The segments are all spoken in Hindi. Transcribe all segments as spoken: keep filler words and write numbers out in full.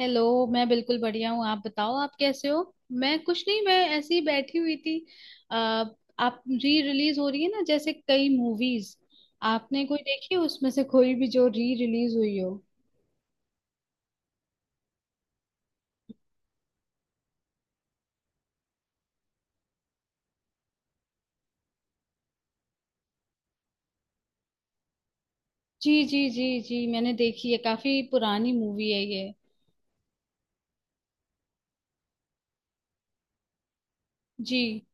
हेलो। मैं बिल्कुल बढ़िया हूँ, आप बताओ आप कैसे हो। मैं कुछ नहीं, मैं ऐसे ही बैठी हुई थी। आ, आप री रिलीज हो रही है ना जैसे कई मूवीज, आपने कोई देखी है उसमें से कोई भी जो री रिलीज हुई हो। जी जी जी जी, मैंने देखी है, काफी पुरानी मूवी है ये। जी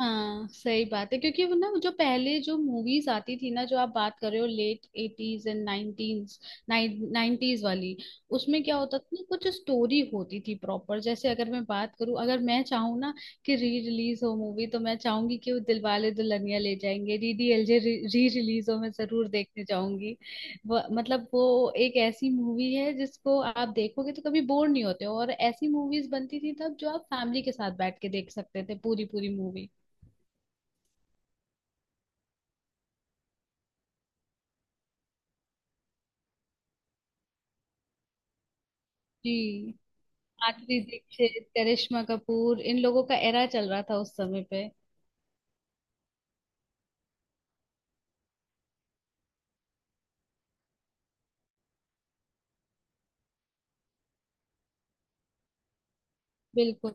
हाँ, सही बात है, क्योंकि वो ना वो जो पहले जो मूवीज आती थी ना जो आप बात कर रहे हो, late eighties and nineties, nineties वाली। उसमें क्या होता था ना, कुछ स्टोरी होती थी प्रॉपर। जैसे अगर मैं बात करूँ, अगर मैं चाहूँ ना कि री रिलीज हो मूवी, तो मैं चाहूंगी कि वो दिलवाले दुल्हनिया ले जाएंगे, डी डी एल जे री रिलीज हो, मैं जरूर देखने जाऊंगी। वो- मतलब वो एक ऐसी मूवी है जिसको आप देखोगे तो कभी बोर नहीं होते हो, और ऐसी मूवीज बनती थी तब जो आप फैमिली के साथ बैठ के देख सकते थे पूरी पूरी मूवी। जी, माधुरी दीक्षित, करिश्मा कपूर, इन लोगों का एरा चल रहा था उस समय पे। बिल्कुल।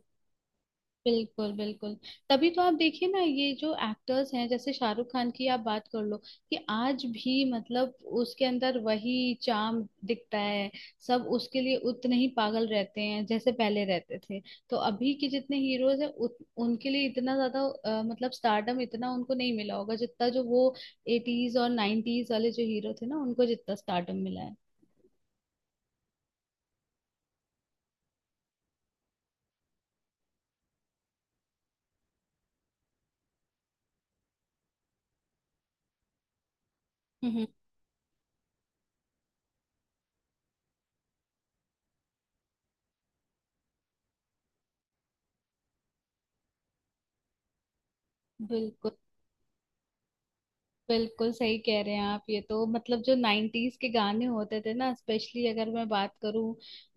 बिल्कुल बिल्कुल। तभी तो आप देखिए ना, ये जो एक्टर्स हैं जैसे शाहरुख खान की आप बात कर लो, कि आज भी मतलब उसके अंदर वही चार्म दिखता है, सब उसके लिए उतने ही पागल रहते हैं जैसे पहले रहते थे। तो अभी के जितने हीरोज हैं उत, उनके लिए इतना ज्यादा अ, मतलब स्टारडम इतना उनको नहीं मिला होगा जितना जो वो एटीज और नाइनटीज वाले जो हीरो थे ना उनको जितना स्टारडम मिला है। हम्म। बिल्कुल बिल्कुल सही कह रहे हैं आप। ये तो मतलब जो नाइन्टीज के गाने होते थे ना, स्पेशली अगर मैं बात करूं,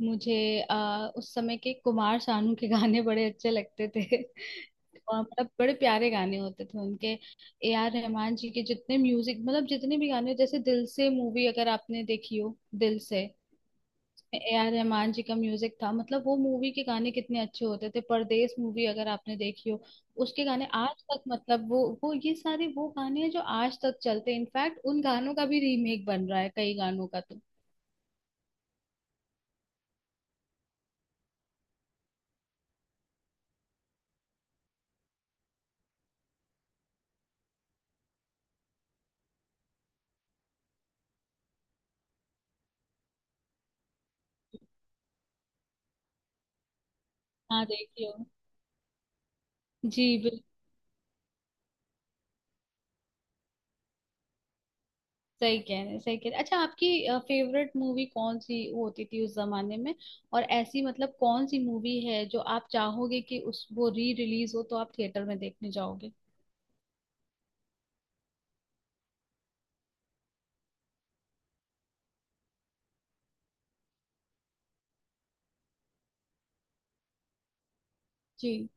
मुझे आ, उस समय के कुमार सानू के गाने बड़े अच्छे लगते थे और मतलब बड़े प्यारे गाने होते थे उनके। ए आर रहमान जी के जितने म्यूजिक, मतलब जितने भी गाने, जैसे दिल से मूवी अगर आपने देखी हो, दिल से, ए आर रहमान जी का म्यूजिक था, मतलब वो मूवी के गाने कितने अच्छे होते थे। परदेस मूवी अगर आपने देखी हो, उसके गाने आज तक, मतलब वो वो ये सारे वो गाने हैं जो आज तक चलते हैं, इनफैक्ट उन गानों का भी रीमेक बन रहा है कई गानों का तो। हाँ देखिए हो। जी बिल्कुल। सही कह रहे हैं, सही कह रहे हैं। अच्छा, आपकी फेवरेट मूवी कौन सी होती थी उस जमाने में, और ऐसी मतलब कौन सी मूवी है जो आप चाहोगे कि उस वो री रिलीज हो तो आप थिएटर में देखने जाओगे। जी।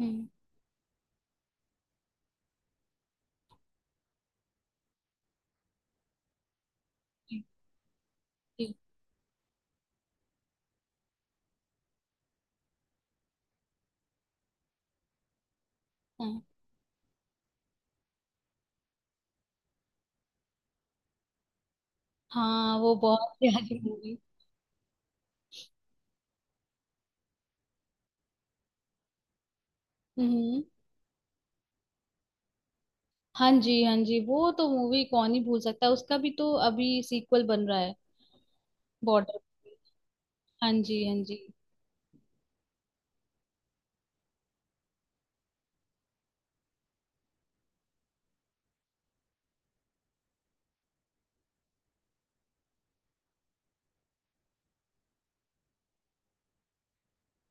हम्म। जी। जी, हाँ। हाँ, वो बहुत प्यारी मूवी। हम्म। हाँ जी, हाँ जी, वो तो मूवी कौन ही भूल सकता है, उसका भी तो अभी सीक्वल बन रहा है। बॉर्डर। हाँ जी, हाँ जी।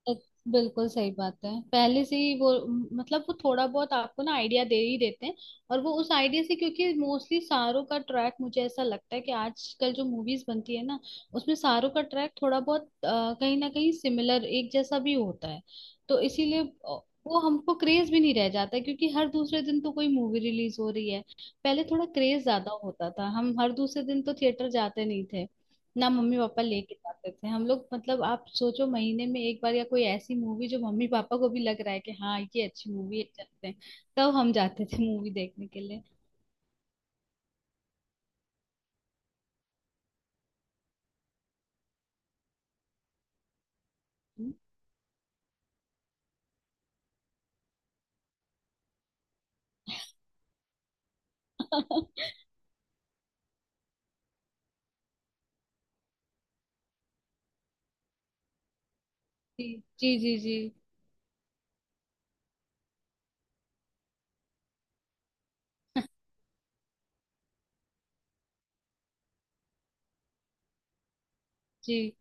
एक- बिल्कुल सही बात है, पहले से ही वो मतलब वो थोड़ा बहुत आपको ना आइडिया दे ही देते हैं। और वो उस आइडिया से, क्योंकि मोस्टली सारों का ट्रैक, मुझे ऐसा लगता है कि आजकल जो मूवीज बनती है ना, उसमें सारों का ट्रैक थोड़ा बहुत अ, कहीं ना कहीं सिमिलर एक जैसा भी होता है। तो इसीलिए अ, वो हमको क्रेज भी नहीं रह जाता है, क्योंकि हर दूसरे दिन तो कोई मूवी रिलीज हो रही है। पहले थोड़ा क्रेज ज्यादा होता था, हम हर दूसरे दिन तो थिएटर जाते नहीं थे ना, मम्मी पापा लेके जाते थे हम लोग। मतलब आप सोचो, महीने में एक बार, या कोई ऐसी मूवी जो मम्मी पापा को भी लग रहा है कि हाँ ये अच्छी मूवी है चलते हैं, तब हम जाते थे मूवी देखने के लिए। जी जी जी जी। जी।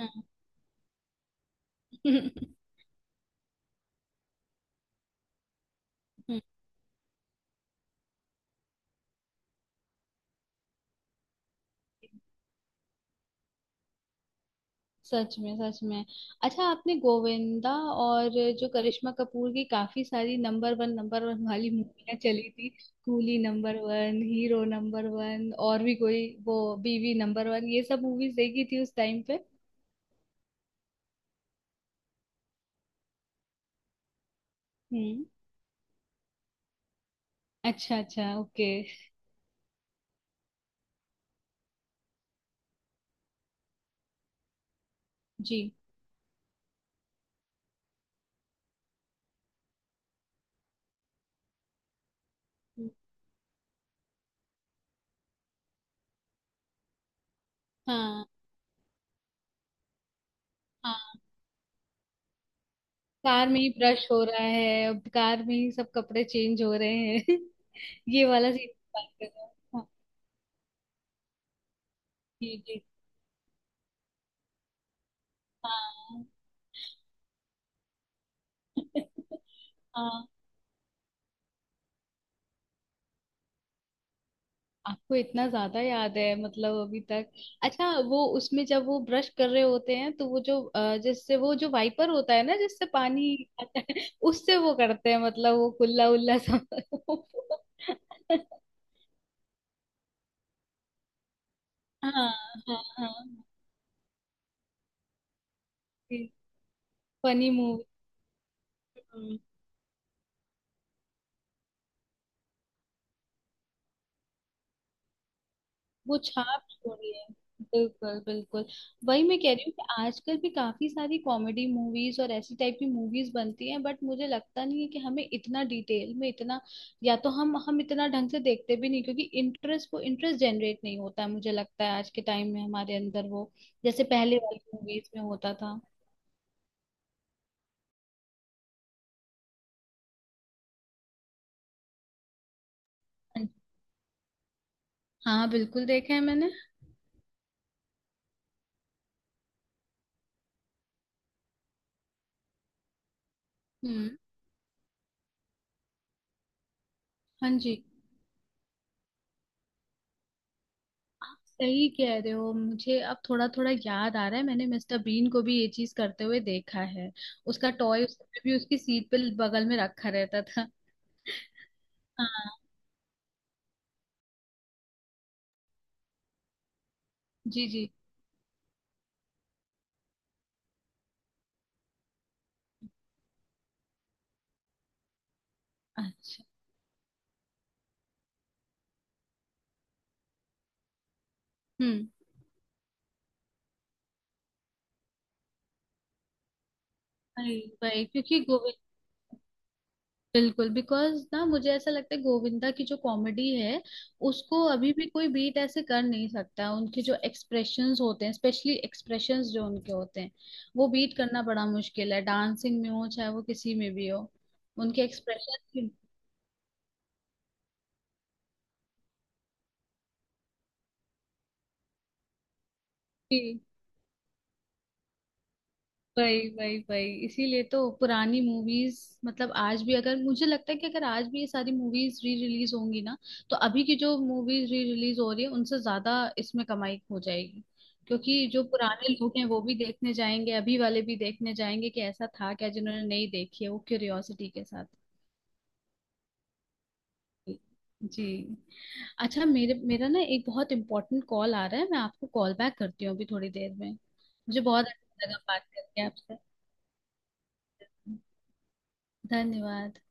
हाँ। हम्म, सच में, सच में। अच्छा, आपने गोविंदा और जो करिश्मा कपूर की काफी सारी नंबर वन नंबर वन वाली मूवियाँ चली थी, Coolie number one, hero number one, और भी कोई वो बीवी नंबर वन, ये सब मूवीज देखी थी उस टाइम पे। हम्म। अच्छा अच्छा, ओके। जी। हम्म। हाँ। हाँ, कार में ही ब्रश हो रहा है, अब कार में ही सब कपड़े चेंज हो रहे हैं। ये वाला सीन बात कर रहे हो। हाँ जी जी। हाँ। हाँ। आपको इतना ज्यादा याद है, मतलब अभी तक। अच्छा वो उसमें जब वो ब्रश कर रहे होते हैं, तो वो जो अ, जिससे वो जो वाइपर होता है ना जिससे पानी आता है उससे वो करते हैं, मतलब वो कुल्ला उल्ला सब। हाँ हाँ हाँ, फनी मूवी। हम्म। वो छाप छोड़ी है। बिल्कुल बिल्कुल। वही मैं कह रही हूँ कि आजकल भी काफी सारी कॉमेडी मूवीज और ऐसी टाइप की मूवीज बनती हैं, बट मुझे लगता नहीं है कि हमें इतना डिटेल में इतना, या तो हम हम इतना ढंग से देखते भी नहीं क्योंकि इंटरेस्ट वो इंटरेस्ट जनरेट नहीं होता है। मुझे लगता है आज के टाइम में हमारे अंदर वो जैसे पहले वाली मूवीज में होता था। हाँ बिल्कुल, देखा है मैंने। हम्म। हाँ जी। आप सही कह रहे हो, मुझे अब थोड़ा थोड़ा याद आ रहा है, मैंने मिस्टर बीन को भी ये चीज करते हुए देखा है। उसका टॉय उसने भी उसकी सीट पे बगल में रखा रहता था। हाँ। जी जी। अच्छा। हम्म। अरे भाई क्योंकि गोविंदा, बिल्कुल, बिकॉज ना मुझे ऐसा लगता है गोविंदा की जो कॉमेडी है, उसको अभी भी कोई बीट ऐसे कर नहीं सकता। उनके जो एक्सप्रेशंस होते हैं, स्पेशली एक्सप्रेशंस जो उनके होते हैं, वो बीट करना बड़ा मुश्किल है, डांसिंग में हो चाहे वो किसी में भी हो। उनके एक्सप्रेशन, वही वही वही, इसीलिए तो पुरानी मूवीज मतलब आज भी, अगर मुझे लगता है कि अगर आज भी ये सारी मूवीज री रिलीज होंगी ना, तो अभी की जो मूवीज री रिलीज हो रही है उनसे ज्यादा इसमें कमाई हो जाएगी। क्योंकि जो पुराने लोग हैं वो भी देखने जाएंगे, अभी वाले भी देखने जाएंगे कि ऐसा था क्या, जिन्होंने नहीं देखी है वो क्यूरियोसिटी के साथ। जी। अच्छा, मेरे मेरा ना एक बहुत इंपॉर्टेंट कॉल आ रहा है, मैं आपको कॉल बैक करती हूँ अभी थोड़ी देर में। मुझे बहुत अच्छा लगा बात करके आपसे। धन्यवाद।